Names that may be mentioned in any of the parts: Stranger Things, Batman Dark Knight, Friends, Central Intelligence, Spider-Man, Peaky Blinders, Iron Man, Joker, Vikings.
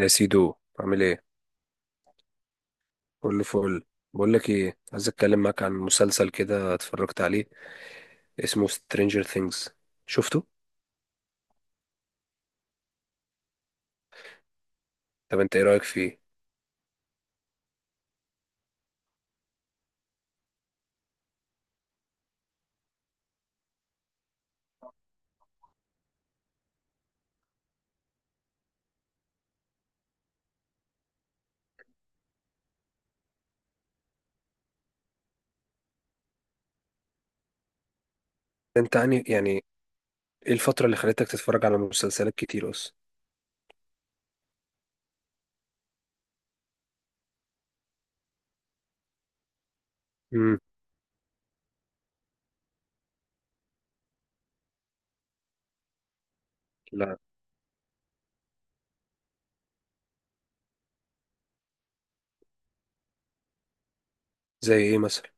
يا سيدو، عامل ايه؟ كله فل. بقول لك ايه، عايز اتكلم معاك عن مسلسل كده اتفرجت عليه، اسمه Stranger Things. شفته؟ طب انت ايه رايك فيه؟ انت يعني ايه الفتره اللي خلتك تتفرج على مسلسلات كتير اصلا؟ امم. لا. زي ايه مثلا؟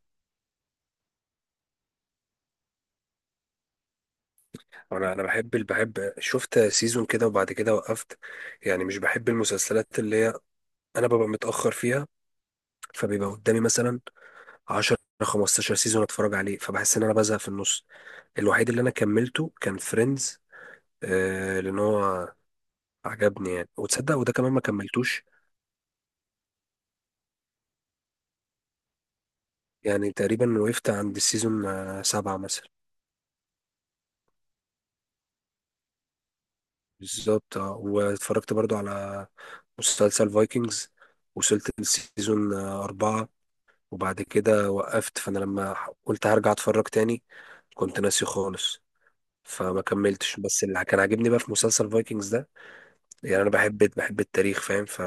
انا بحب شفت سيزون كده وبعد كده وقفت. يعني مش بحب المسلسلات اللي هي، انا ببقى متاخر فيها، فبيبقى قدامي مثلا 10 15 سيزون اتفرج عليه فبحس ان انا بزهق في النص. الوحيد اللي انا كملته كان فريندز، آه لان هو عجبني يعني، وتصدق وده كمان ما كملتوش. يعني تقريبا وقفت عند السيزون سبعة مثلا. بالظبط آه. واتفرجت برضو على مسلسل فايكنجز، وصلت للسيزون أربعة وبعد كده وقفت. فأنا لما قلت هرجع أتفرج تاني كنت ناسي خالص فما كملتش. بس اللي كان عاجبني بقى في مسلسل فايكنجز ده، يعني أنا بحب التاريخ فاهم؟ ف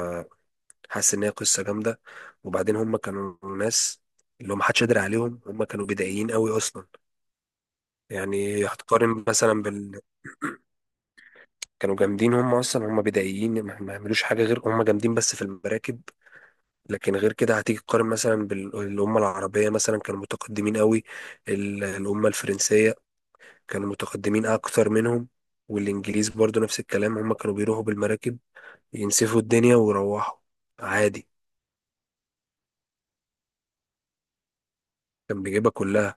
حاسس ان هي قصه جامده، وبعدين هم كانوا ناس اللي هو محدش قادر عليهم، هم كانوا بدائيين قوي اصلا. يعني هتقارن مثلا بال كانوا جامدين هم، اصلا هم بدائيين ما يعملوش حاجه غير هم جامدين بس في المراكب. لكن غير كده هتيجي تقارن مثلا بالامه العربيه، مثلا كانوا متقدمين قوي. الامه الفرنسيه كانوا متقدمين اكتر منهم، والانجليز برضو نفس الكلام، هم كانوا بيروحوا بالمراكب ينسفوا الدنيا ويروحوا. عادي. كان بيجيبها كلها.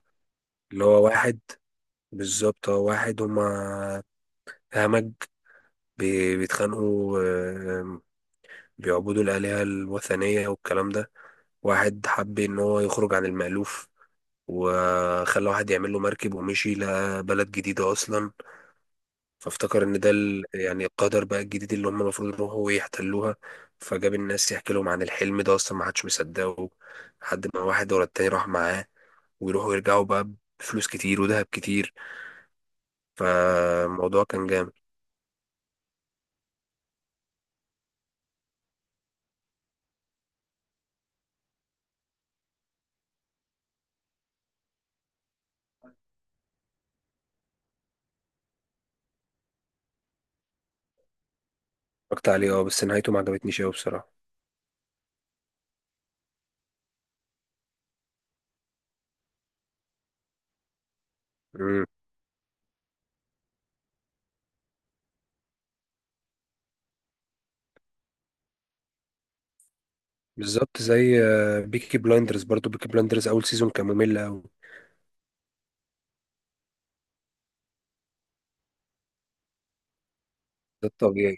اللي هو واحد. بالظبط اه، واحد. هما همج، بيتخانقوا بيعبدوا الآلهة الوثنية والكلام ده. واحد حب إن هو يخرج عن المألوف، وخلى واحد يعمل له مركب ومشي، لقى بلد جديدة أصلا، فافتكر إن ده يعني القدر بقى الجديد اللي هم المفروض يروحوا ويحتلوها. فجاب الناس يحكي لهم عن الحلم ده، أصلا ما حدش مصدقه لحد ما واحد ورا التاني راح معاه، ويروحوا يرجعوا بقى بفلوس كتير وذهب كتير. فالموضوع كان جامد. اتفرجت عليه اه، بس نهايته ما عجبتنيش قوي بصراحه. امم. بالظبط، زي بيكي بلايندرز. برضو بيكي بلايندرز اول سيزون كان ممل قوي. ده الطبيعي.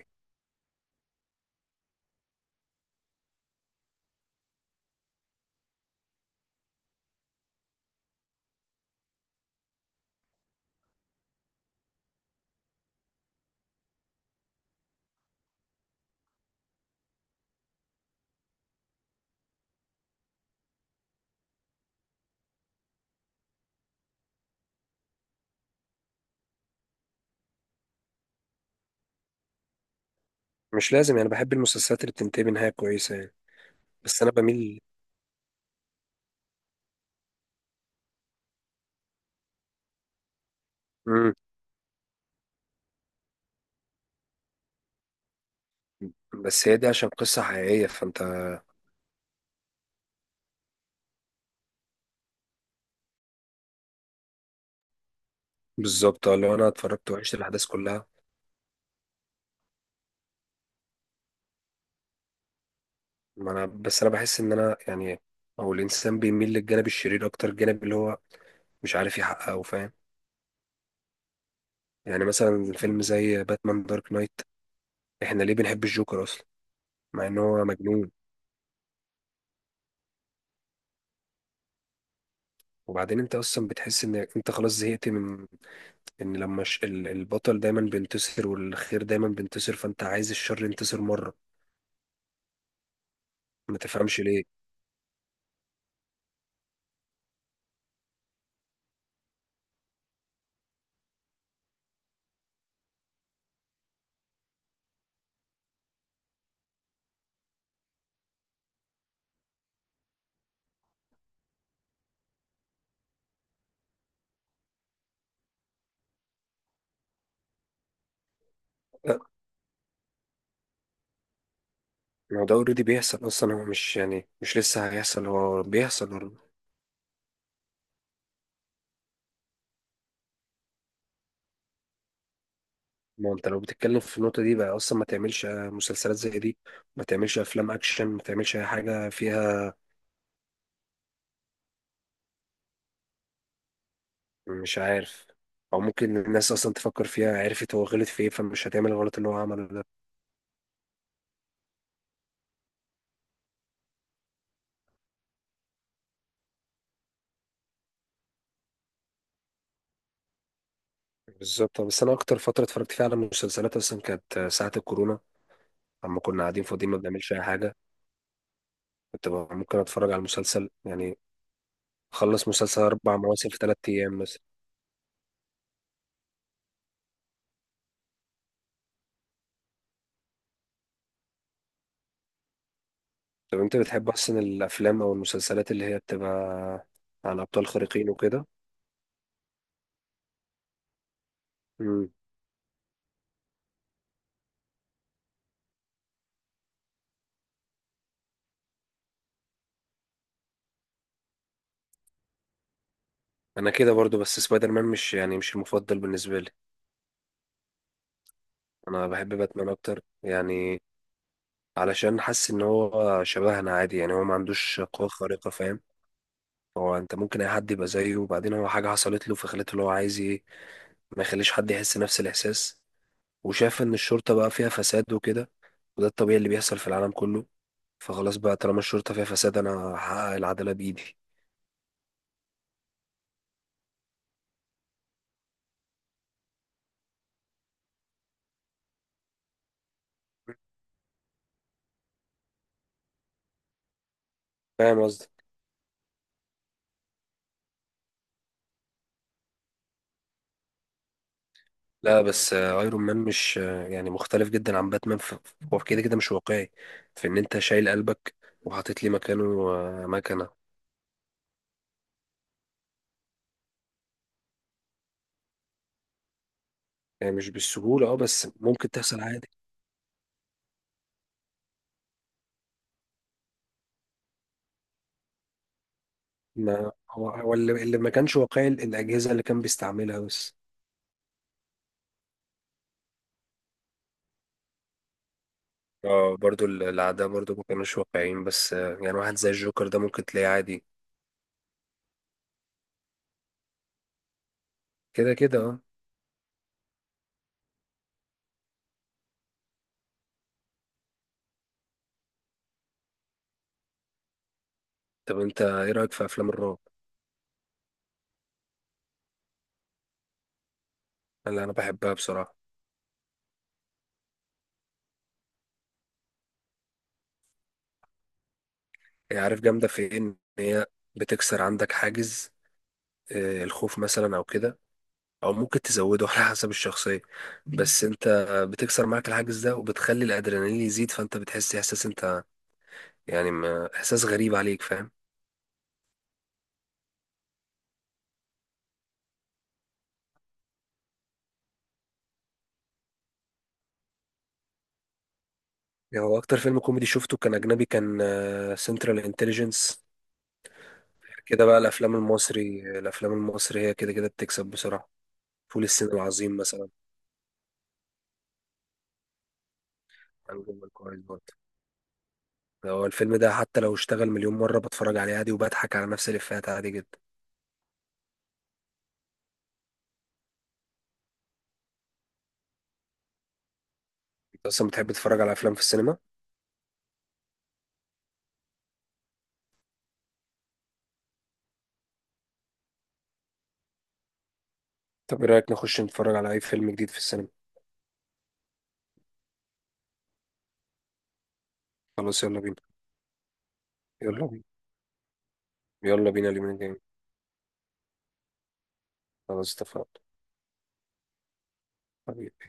مش لازم يعني، بحب المسلسلات اللي بتنتهي بنهايه كويسه يعني. بس انا بميل. امم. بس هي دي عشان قصه حقيقيه فانت. بالظبط اه، لو انا اتفرجت وعشت الاحداث كلها. ما انا، بس انا بحس ان انا يعني او الانسان بيميل للجانب الشرير اكتر، الجانب اللي هو مش عارف يحققه فاهم؟ يعني مثلا فيلم زي باتمان دارك نايت، احنا ليه بنحب الجوكر اصلا مع ان هو مجنون؟ وبعدين انت اصلا بتحس ان انت خلاص زهقت من ان لما البطل دايما بينتصر والخير دايما بينتصر، فانت عايز الشر ينتصر مره. ما تفهمش ليه. لا، هو ده اوريدي بيحصل اصلا، هو مش يعني مش لسه هيحصل، هو بيحصل already. ما هو انت لو بتتكلم في النقطه دي بقى اصلا، ما تعملش مسلسلات زي دي، ما تعملش افلام اكشن، ما تعملش اي حاجه فيها. مش عارف. او ممكن الناس اصلا تفكر فيها، عرفت هو غلط في ايه فمش هتعمل الغلط اللي هو عمله ده. بالظبط. بس انا اكتر فتره اتفرجت فيها على المسلسلات اصلا كانت ساعه الكورونا، اما كنا قاعدين فاضيين ما بنعملش اي حاجه. كنت بقى ممكن اتفرج على مسلسل يعني، اخلص مسلسل اربع مواسم في ثلاث ايام مثلا. طب انت بتحب اصلا الافلام او المسلسلات اللي هي بتبقى عن ابطال خارقين وكده؟ امم. انا كده برضو، بس سبايدر مان مش يعني مش المفضل بالنسبه لي. انا بحب باتمان اكتر يعني، علشان حاسس ان هو شبهنا عادي، يعني هو ما عندوش قوة خارقة فاهم؟ هو انت ممكن اي حد يبقى زيه، وبعدين هو حاجة حصلت له فخلته اللي هو عايز ايه، ما يخليش حد يحس نفس الاحساس. وشاف ان الشرطة بقى فيها فساد وكده، وده الطبيعي اللي بيحصل في العالم كله، فخلاص بقى طالما الشرطة فيها فساد انا هحقق العدالة بايدي. فاهم قصدي؟ لا بس ايرون مان مش يعني مختلف جدا عن باتمان هو كده كده مش واقعي، في ان انت شايل قلبك وحاطط لي مكانه مكنة. يعني مش بالسهولة اه، بس ممكن تحصل عادي. ما هو هو اللي ما كانش واقعي الأجهزة اللي كان بيستعملها بس. اه برضو الأعداء برضو ما كانوش واقعيين، بس يعني واحد زي الجوكر ده ممكن تلاقيه عادي. كده كده اه. طب انت ايه رأيك في أفلام الرعب؟ اللي أنا بحبها بصراحة. هي عارف جامدة في ايه؟ إن هي بتكسر عندك حاجز الخوف مثلا أو كده، أو ممكن تزوده على حسب الشخصية. بس انت بتكسر معاك الحاجز ده وبتخلي الأدرينالين يزيد، فانت بتحس إحساس، انت يعني إحساس غريب عليك فاهم؟ يعني هو أكتر فيلم كوميدي شفته كان أجنبي، كان سنترال انتليجنس. كده بقى الافلام المصري، الافلام المصري هي كده كده بتكسب بسرعه. فول الصين العظيم مثلا. عن جمل كويس برضه. هو الفيلم ده حتى لو اشتغل مليون مره بتفرج عليه عادي، وبضحك على نفس الافيهات عادي جدا. انت اصلا بتحب تتفرج على افلام في السينما؟ طب ايه رايك نخش نتفرج على اي فيلم جديد في السينما؟ خلاص يلا بينا. يلا بينا. يلا بينا اليومين الجايين. خلاص اتفقنا. حبيبي.